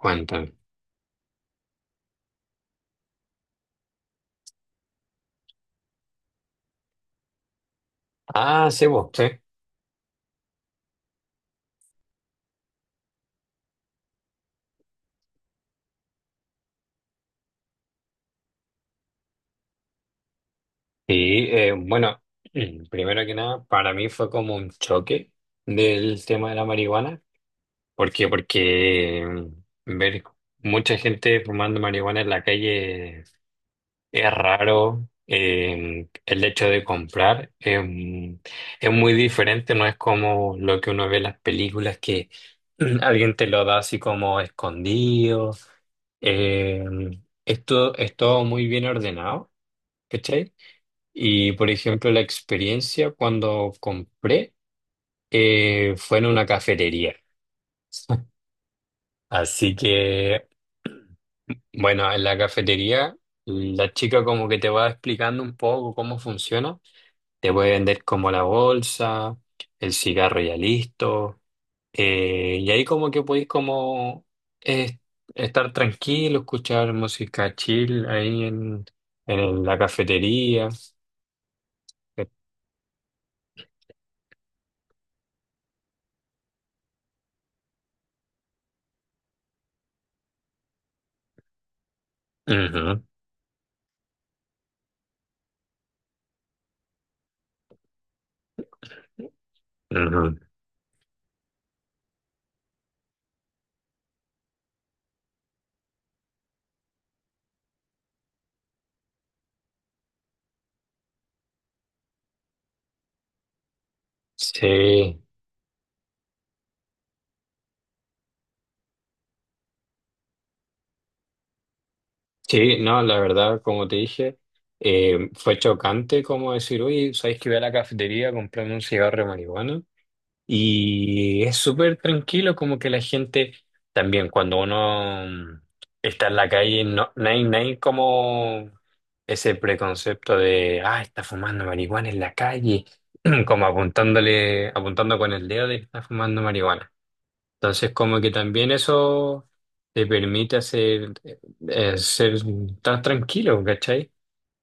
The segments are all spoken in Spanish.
Cuéntame. Ah, sí, vos, sí. Y eh, bueno, primero que nada, para mí fue como un choque del tema de la marihuana. ¿Por qué? Porque ver mucha gente fumando marihuana en la calle es raro. El hecho de comprar es muy diferente, no es como lo que uno ve en las películas que alguien te lo da así como escondido. eh, Esto es todo muy bien ordenado, ¿cachai? Y por ejemplo, la experiencia cuando compré fue en una cafetería. Así que, bueno, en la cafetería la chica como que te va explicando un poco cómo funciona. Te puede vender como la bolsa, el cigarro ya listo. Y ahí como que podéis como eh, estar tranquilo, escuchar música chill en la cafetería. Ujú, ujú. Sí. Sí, no, la verdad, como te dije, fue chocante como decir, oye, ¿sabes que voy a la cafetería a comprarme un cigarro de marihuana? Y es súper tranquilo, como que la gente también, cuando uno está en la calle, no hay como ese preconcepto de, ah, está fumando marihuana en la calle, apuntando con el dedo de que está fumando marihuana. Entonces, como que también eso te permite ser tan tranquilo, ¿cachai?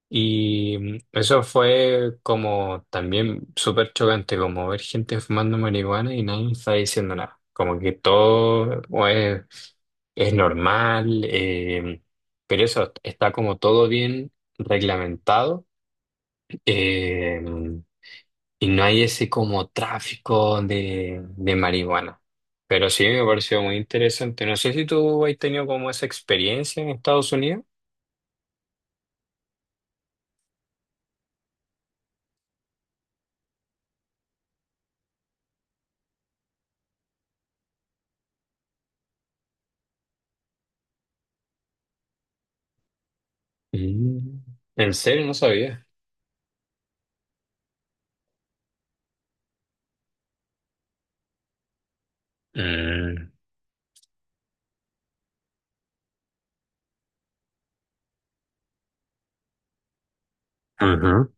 Y eso fue como también súper chocante, como ver gente fumando marihuana y nadie está diciendo nada. Como que es normal, pero eso está como todo bien reglamentado. eh, y no hay ese como de marihuana. Pero sí me pareció muy interesante. No sé si tú has tenido como esa experiencia en Estados Unidos. Mm. En serio, no sabía. Mm. Ujú.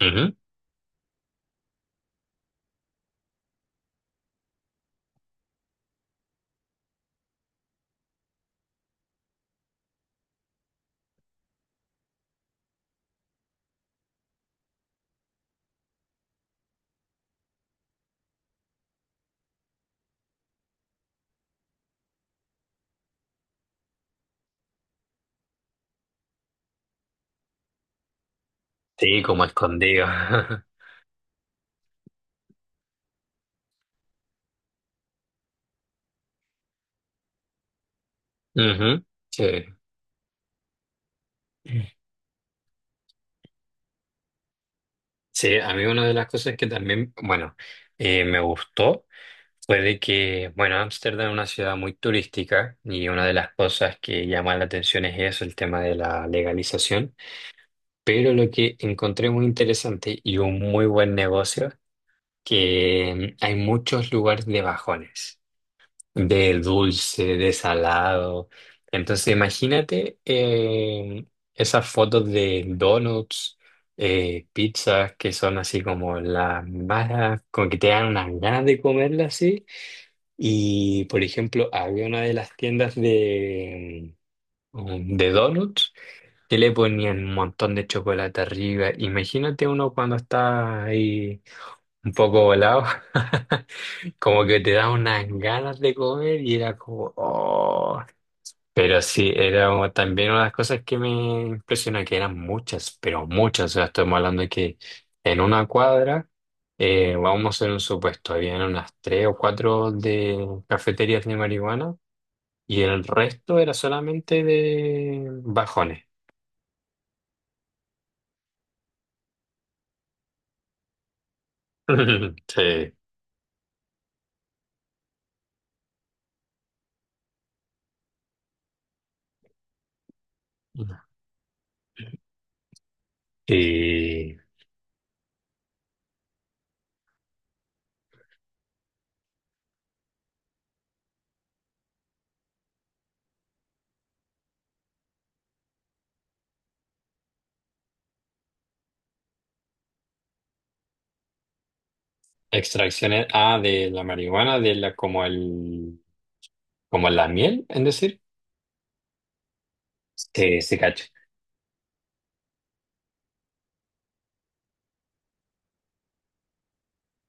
Ujú. Sí, como escondido. Ujú. Sí. Sí, a mí una de las cosas que también, bueno, me gustó fue de que, bueno, Ámsterdam es una ciudad muy turística y una de las cosas que llama la atención es eso, el tema de la legalización. Pero lo que encontré muy interesante y un muy buen negocio, que hay muchos lugares de bajones, de dulce, de salado. Entonces imagínate esas fotos de donuts, pizzas, que son así como las más, como que te dan unas ganas de comerlas así. Y por ejemplo, había una de las tiendas de donuts que le ponían un montón de chocolate arriba. Imagínate uno cuando está ahí un poco volado, como que te da unas ganas de comer y era como, oh. Pero sí, era como también una de las cosas que me impresionó, que eran muchas, pero muchas. O sea, estamos hablando de que en una cuadra, vamos en un supuesto, habían unas tres o cuatro de cafeterías de marihuana y el resto era solamente de bajones. Sí. Y extracciones, ah, de la marihuana, como el, como la miel, es decir. Sí, sí, cacho.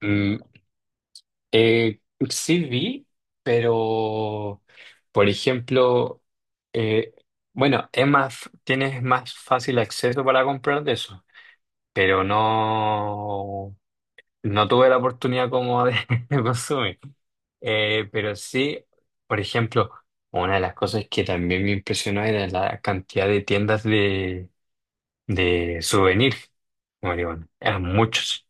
Mm, eh, sí vi, pero, por ejemplo, eh, bueno, es más, tienes más fácil acceso para comprar de eso, pero no, no tuve la oportunidad como de, de consumir. Pero sí, por ejemplo, una de las cosas que también me impresionó era la cantidad de de souvenir. Como digo, eran muchos.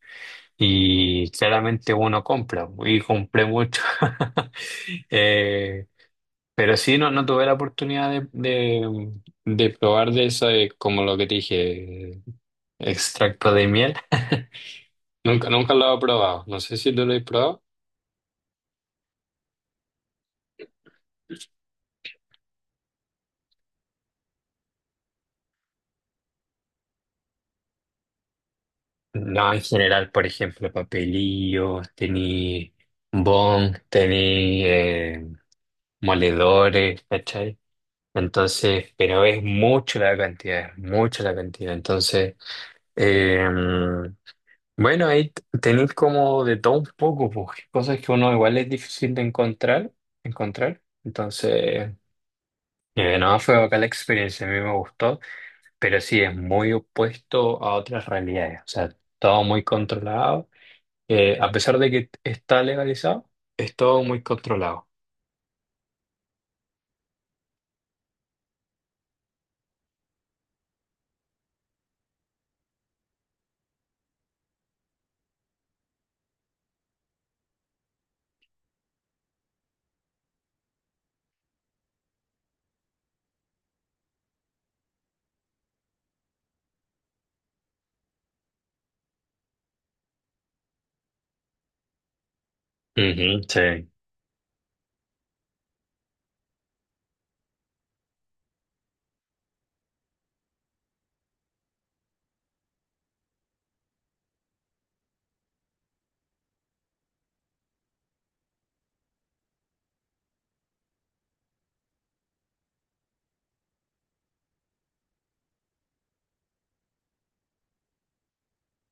Y claramente uno compra, y compré mucho. Eh, pero sí, no, no tuve la oportunidad de probar de eso, como lo que te dije, extracto de miel. Nunca, nunca lo he probado. No sé si tú lo has probado. No, en general, por ejemplo, papelillos, tení bong, tení moledores, ¿cachai? Entonces, pero es mucho la cantidad, es mucho la cantidad. Entonces, eh, bueno, ahí tenéis como de todo un poco, pues, cosas que uno igual es difícil de encontrar. Entonces, no, fue acá la experiencia, a mí me gustó, pero sí es muy opuesto a otras realidades. O sea, todo muy controlado a pesar de que está legalizado. Es todo muy controlado. Ujú, sí,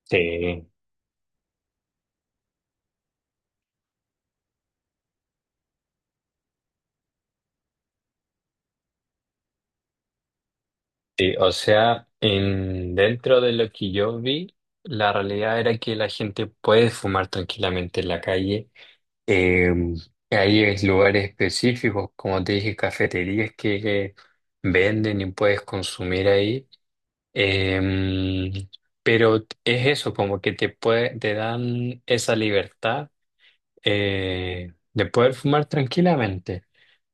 sí, sí. O sea, en, dentro de lo que yo vi, la realidad era que la gente puede fumar tranquilamente en la calle. Eh, Hay lugares específicos, como te dije, cafeterías que venden y puedes consumir ahí. Eh, pero es eso, como que te puede, te dan esa libertad de poder fumar tranquilamente.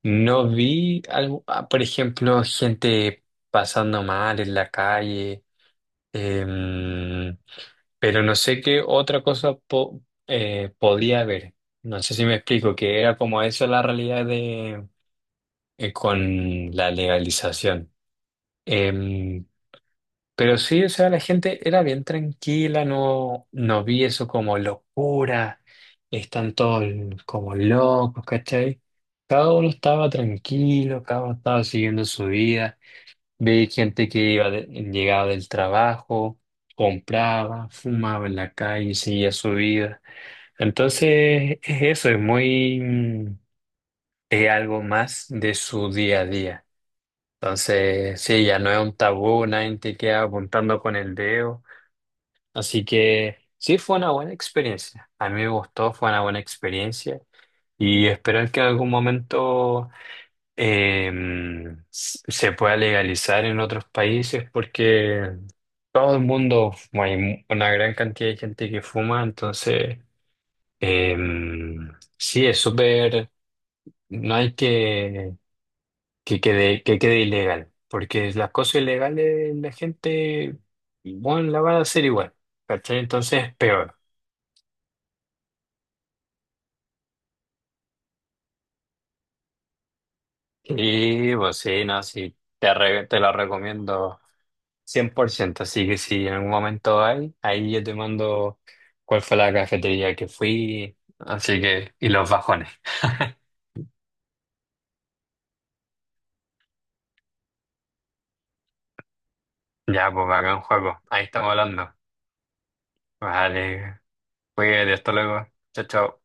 No vi, por ejemplo, gente pasando mal en la calle, em, pero no sé qué otra cosa podría haber. No sé si me explico, que era como eso la realidad con la legalización. Em, pero sí, o sea, la gente era bien tranquila, no, no vi eso como locura, están todos como locos, ¿cachai? Cada uno estaba tranquilo, cada uno estaba siguiendo su vida. Vi gente que llegaba del trabajo, compraba, fumaba en la calle, seguía su vida. Entonces, es eso, es es algo más de su día a día. Entonces, sí, ya no es un tabú, nadie te queda apuntando con el dedo. Así que sí, fue una buena experiencia. A mí me gustó, fue una buena experiencia. Y esperar que en algún momento eh, se pueda legalizar en otros países porque todo el mundo, bueno, hay una gran cantidad de gente que fuma, entonces eh, sí, es súper, no hay que que quede ilegal, porque las cosas ilegales la gente, bueno, la va a hacer igual, ¿cachai? Entonces es peor. Y pues sí, no, sí, te la recomiendo 100%. Así que si en algún momento hay, ahí yo te mando cuál fue la cafetería que fui. Así que, y los bajones. Ya, pues acá en juego. Ahí estamos hablando. Vale, cuídate, hasta luego. Chao, chao.